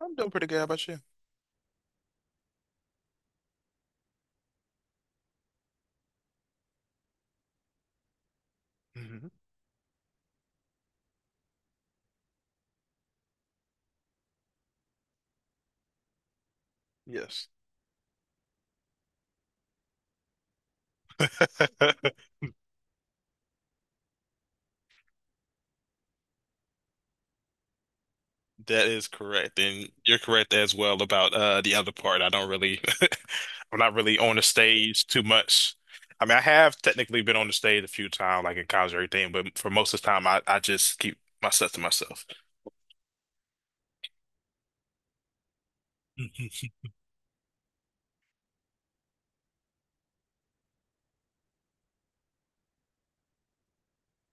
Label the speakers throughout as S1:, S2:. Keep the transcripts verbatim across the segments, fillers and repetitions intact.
S1: I'm doing pretty good. How about you? Hmm. Yes. That is correct. And you're correct as well about uh the other part. I don't really I'm not really on the stage too much. I mean, I have technically been on the stage a few times, like in college or everything, but for most of the time I, I just keep my stuff to myself. Mhm.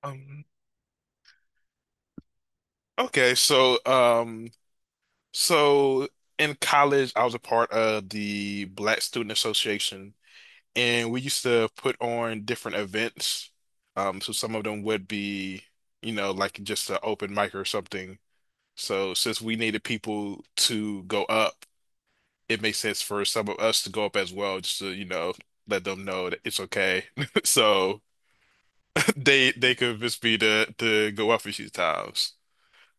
S1: Um, okay, so um so in college I was a part of the Black Student Association. And we used to put on different events. Um, so some of them would be, you know, like just an open mic or something. So since we needed people to go up, it makes sense for some of us to go up as well, just to, you know, let them know that it's okay. So they they convinced me to to go up a few times.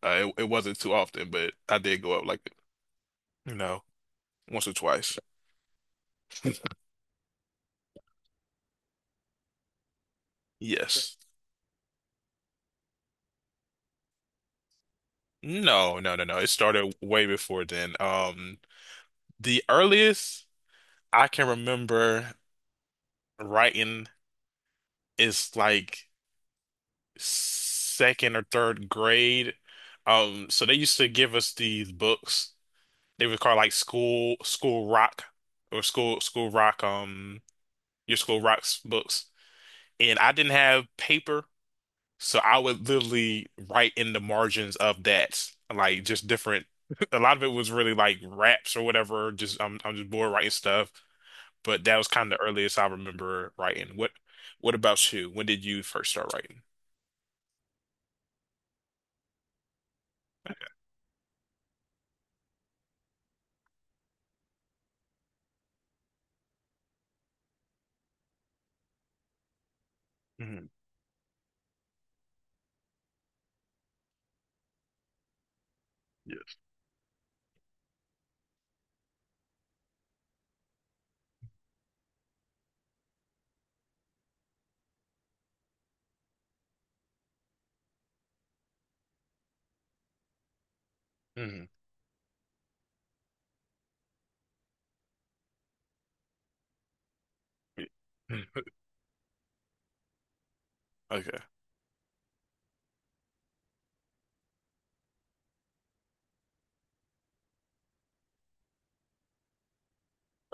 S1: Uh, it, it wasn't too often, but I did go up like, you know, once or twice. Yes. No, no, no, no. It started way before then. Um, the earliest I can remember writing is like second or third grade. Um, so they used to give us these books. They would call like school school rock or school school rock um your school rocks books. And I didn't have paper, so I would literally write in the margins of that, like just different. A lot of it was really like raps or whatever. Just I'm I'm just bored writing stuff. But that was kind of the earliest I remember writing. What what about you? When did you first start writing? Hmm. Yes. Hmm. Mm. Okay.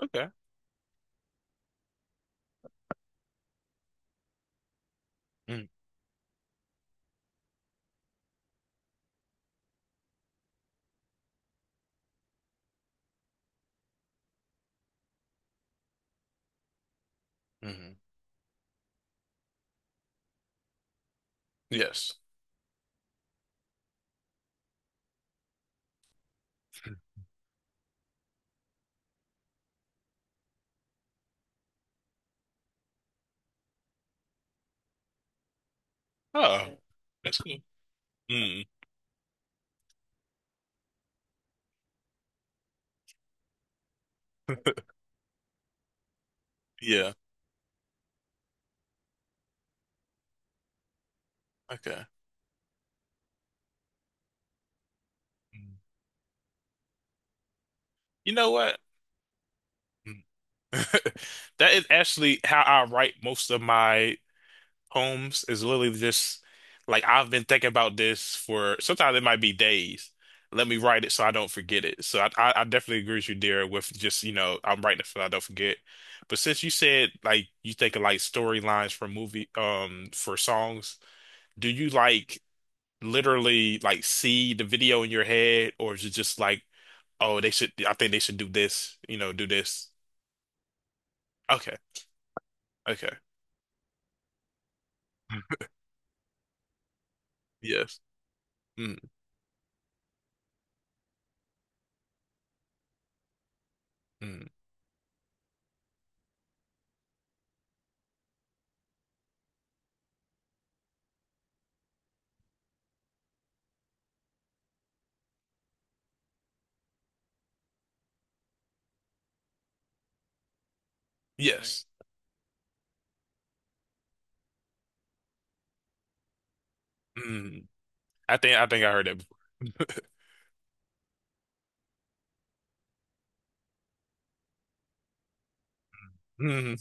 S1: Okay. Mm-hmm. Mm-hmm. Yes. Mm. Oh, that's cool. Mm, yeah. Okay. Mm. You know what? That is actually how I write most of my poems is literally just like I've been thinking about this for sometimes it might be days. Let me write it so I don't forget it. So I, I, I definitely agree with you there with just, you know, I'm writing it so I don't forget. But since you said like you think of like storylines for movie um for songs, do you like literally like see the video in your head or is it just like, oh, they should I think they should do this, you know, do this. Okay. Okay. Yes. Mm, mm, right? Yes. Mm. I think I think I heard that before. Mm,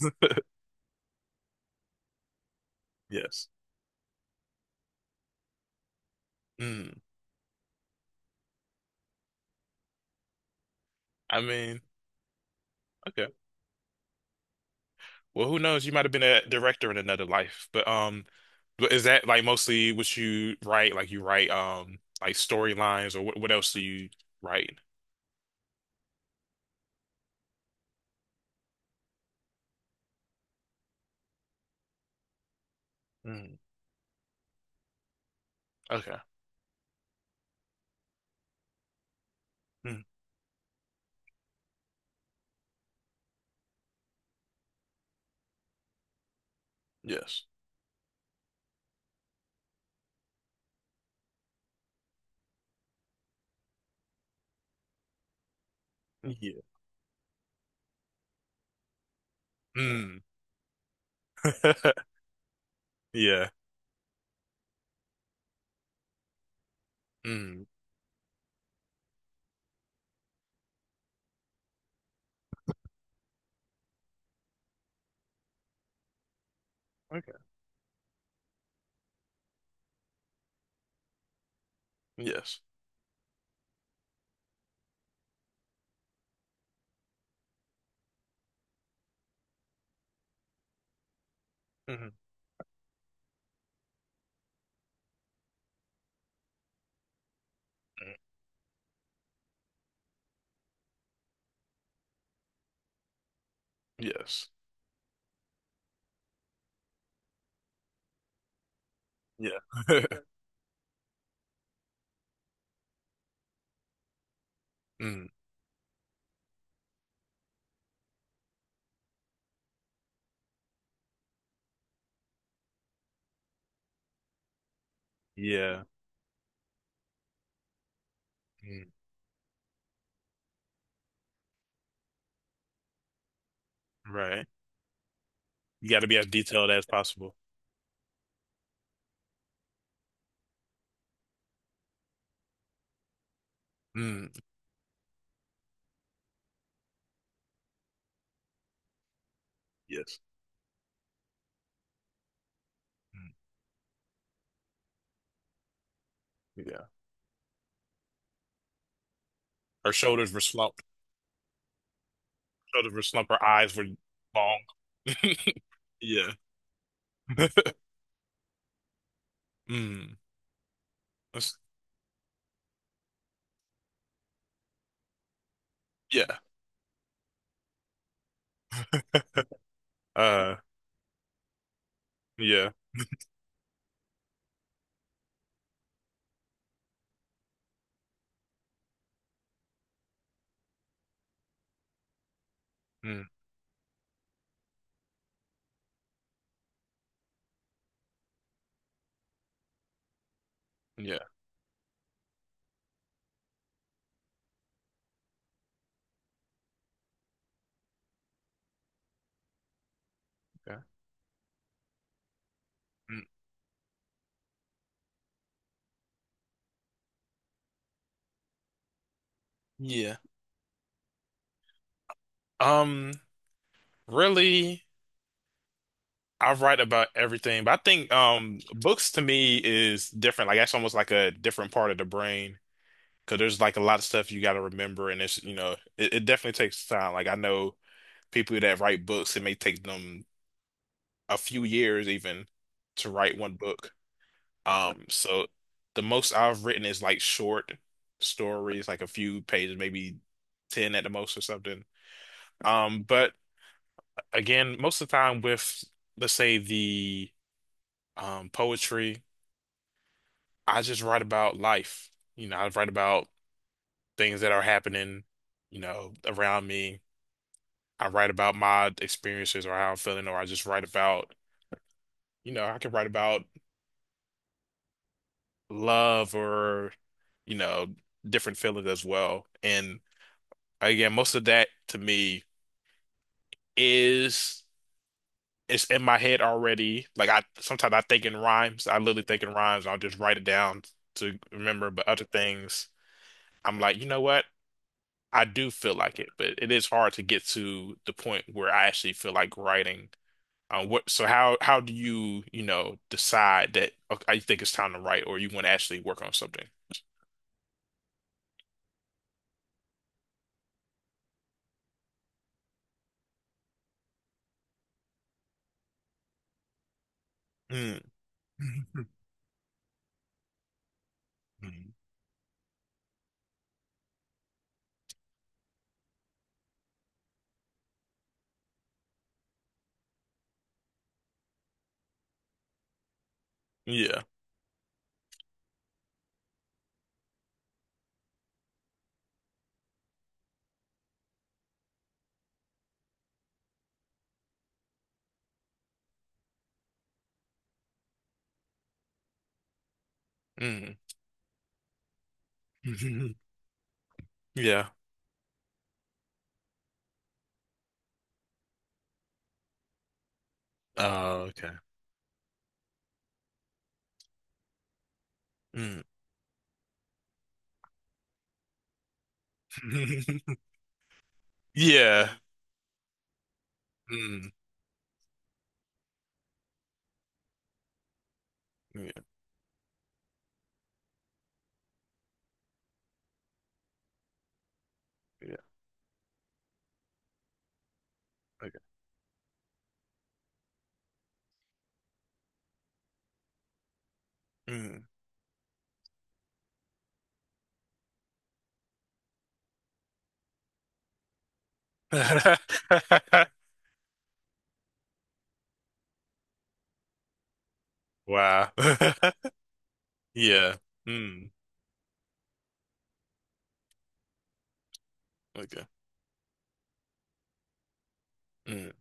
S1: yes. Mm. I mean, okay. Well, who knows? You might have been a director in another life. But um, but is that like mostly what you write? Like you write um like storylines or what what else do you write? Mm. Okay. Mm. Yes. Yeah. Mm. Yeah. Mm. Okay. Yes. Mhm. Yes. Yeah. Mm. Yeah. Mm. Right. You got to be as detailed as possible. Mm, yes. Mm, yeah. Her shoulders were slumped. Shoulders were slumped. Her eyes were long. Yeah. Mm, that's- yeah. Uh, yeah. Mm, yeah. Okay. Mm, yeah. Um, Really, I write about everything, but I think um books to me is different. Like that's almost like a different part of the brain because there's like a lot of stuff you got to remember, and it's you know it, it definitely takes time. Like I know people that write books, it may take them a few years even to write one book. Um, so the most I've written is like short stories, like a few pages, maybe ten at the most or something. Um, but again, most of the time with, let's say the um, poetry, I just write about life. You know, I write about things that are happening, you know, around me. I write about my experiences or how I'm feeling, or I just write about, you know, I can write about love or, you know, different feelings as well. And again, most of that to me is it's in my head already. Like I sometimes I think in rhymes. I literally think in rhymes. I'll just write it down to remember. But other things, I'm like, you know what? I do feel like it, but it is hard to get to the point where I actually feel like writing. Um, what, so how how do you, you know, decide that okay, I think it's time to write or you want to actually work on something? Mm. Yeah. Mm. Yeah. Oh, okay. Mm. Yeah. Mm. Yeah. Yeah. Okay. Mm. Wow. Yeah. Mm. Okay. Mm.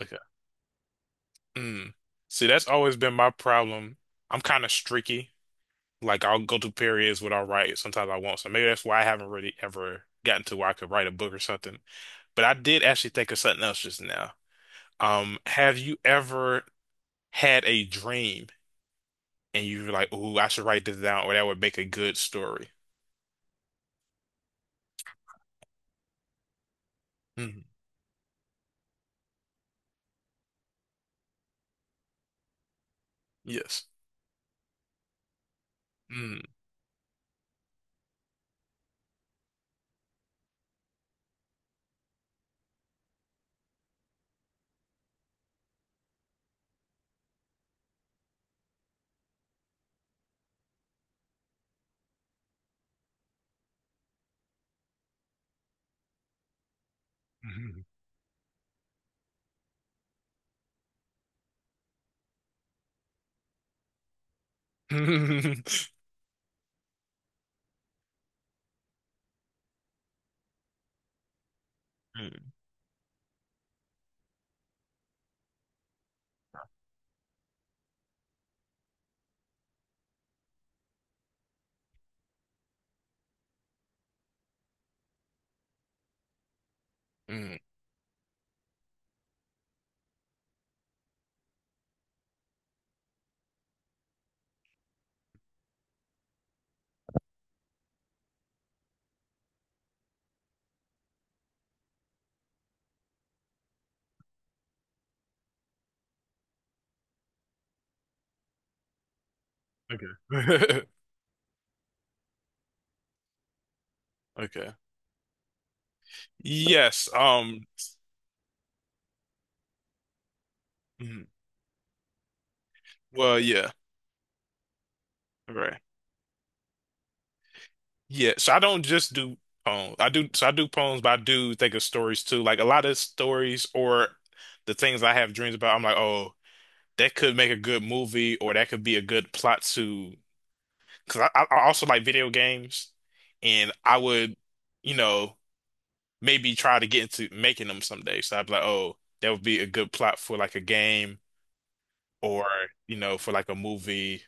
S1: Okay. Mm. See, that's always been my problem. I'm kind of streaky. Like I'll go through periods where I'll write. Sometimes I won't. So maybe that's why I haven't really ever gotten to where I could write a book or something. But I did actually think of something else just now. Um, have you ever had a dream and you're like, "Ooh, I should write this down, or that would make a good story." Mm, yes. Mm. Mm, mm. Okay. Okay. Yes. Um. Mm. Well, yeah. Right. Yeah. So I don't just do poems. I do. So I do poems, but I do think of stories too. Like a lot of stories or the things I have dreams about. I'm like, oh, that could make a good movie, or that could be a good plot to. Because I, I I also like video games, and I would, you know, maybe try to get into making them someday. So I'd be like, oh, that would be a good plot for like a game or, you know, for like a movie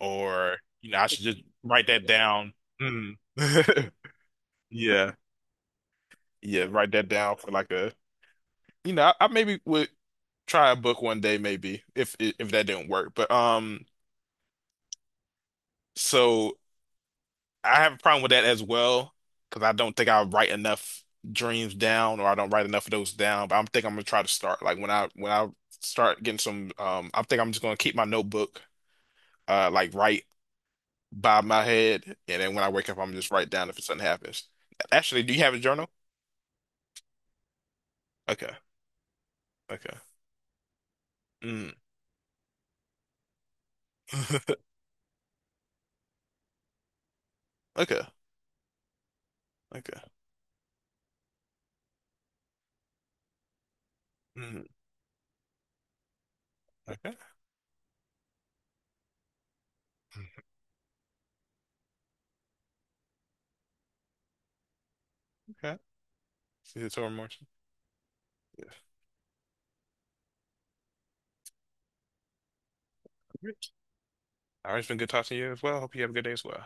S1: or, you know, I should just write that down. Mm. Yeah. Yeah, write that down for like a, you know, I, I maybe would try a book one day maybe if if that didn't work. But um So I have a problem with that as well because I don't think I write enough dreams down or I don't write enough of those down. But I'm think I'm gonna try to start like when I when I start getting some um I think I'm just gonna keep my notebook uh like right by my head and then when I wake up I'm just write down if something happens. Actually, do you have a journal? Okay. Okay. Mm. Okay. Okay. Mm. Okay. Okay. See you tomorrow, Martin. Yeah. All right. It's been good talking to you as well. Hope you have a good day as well.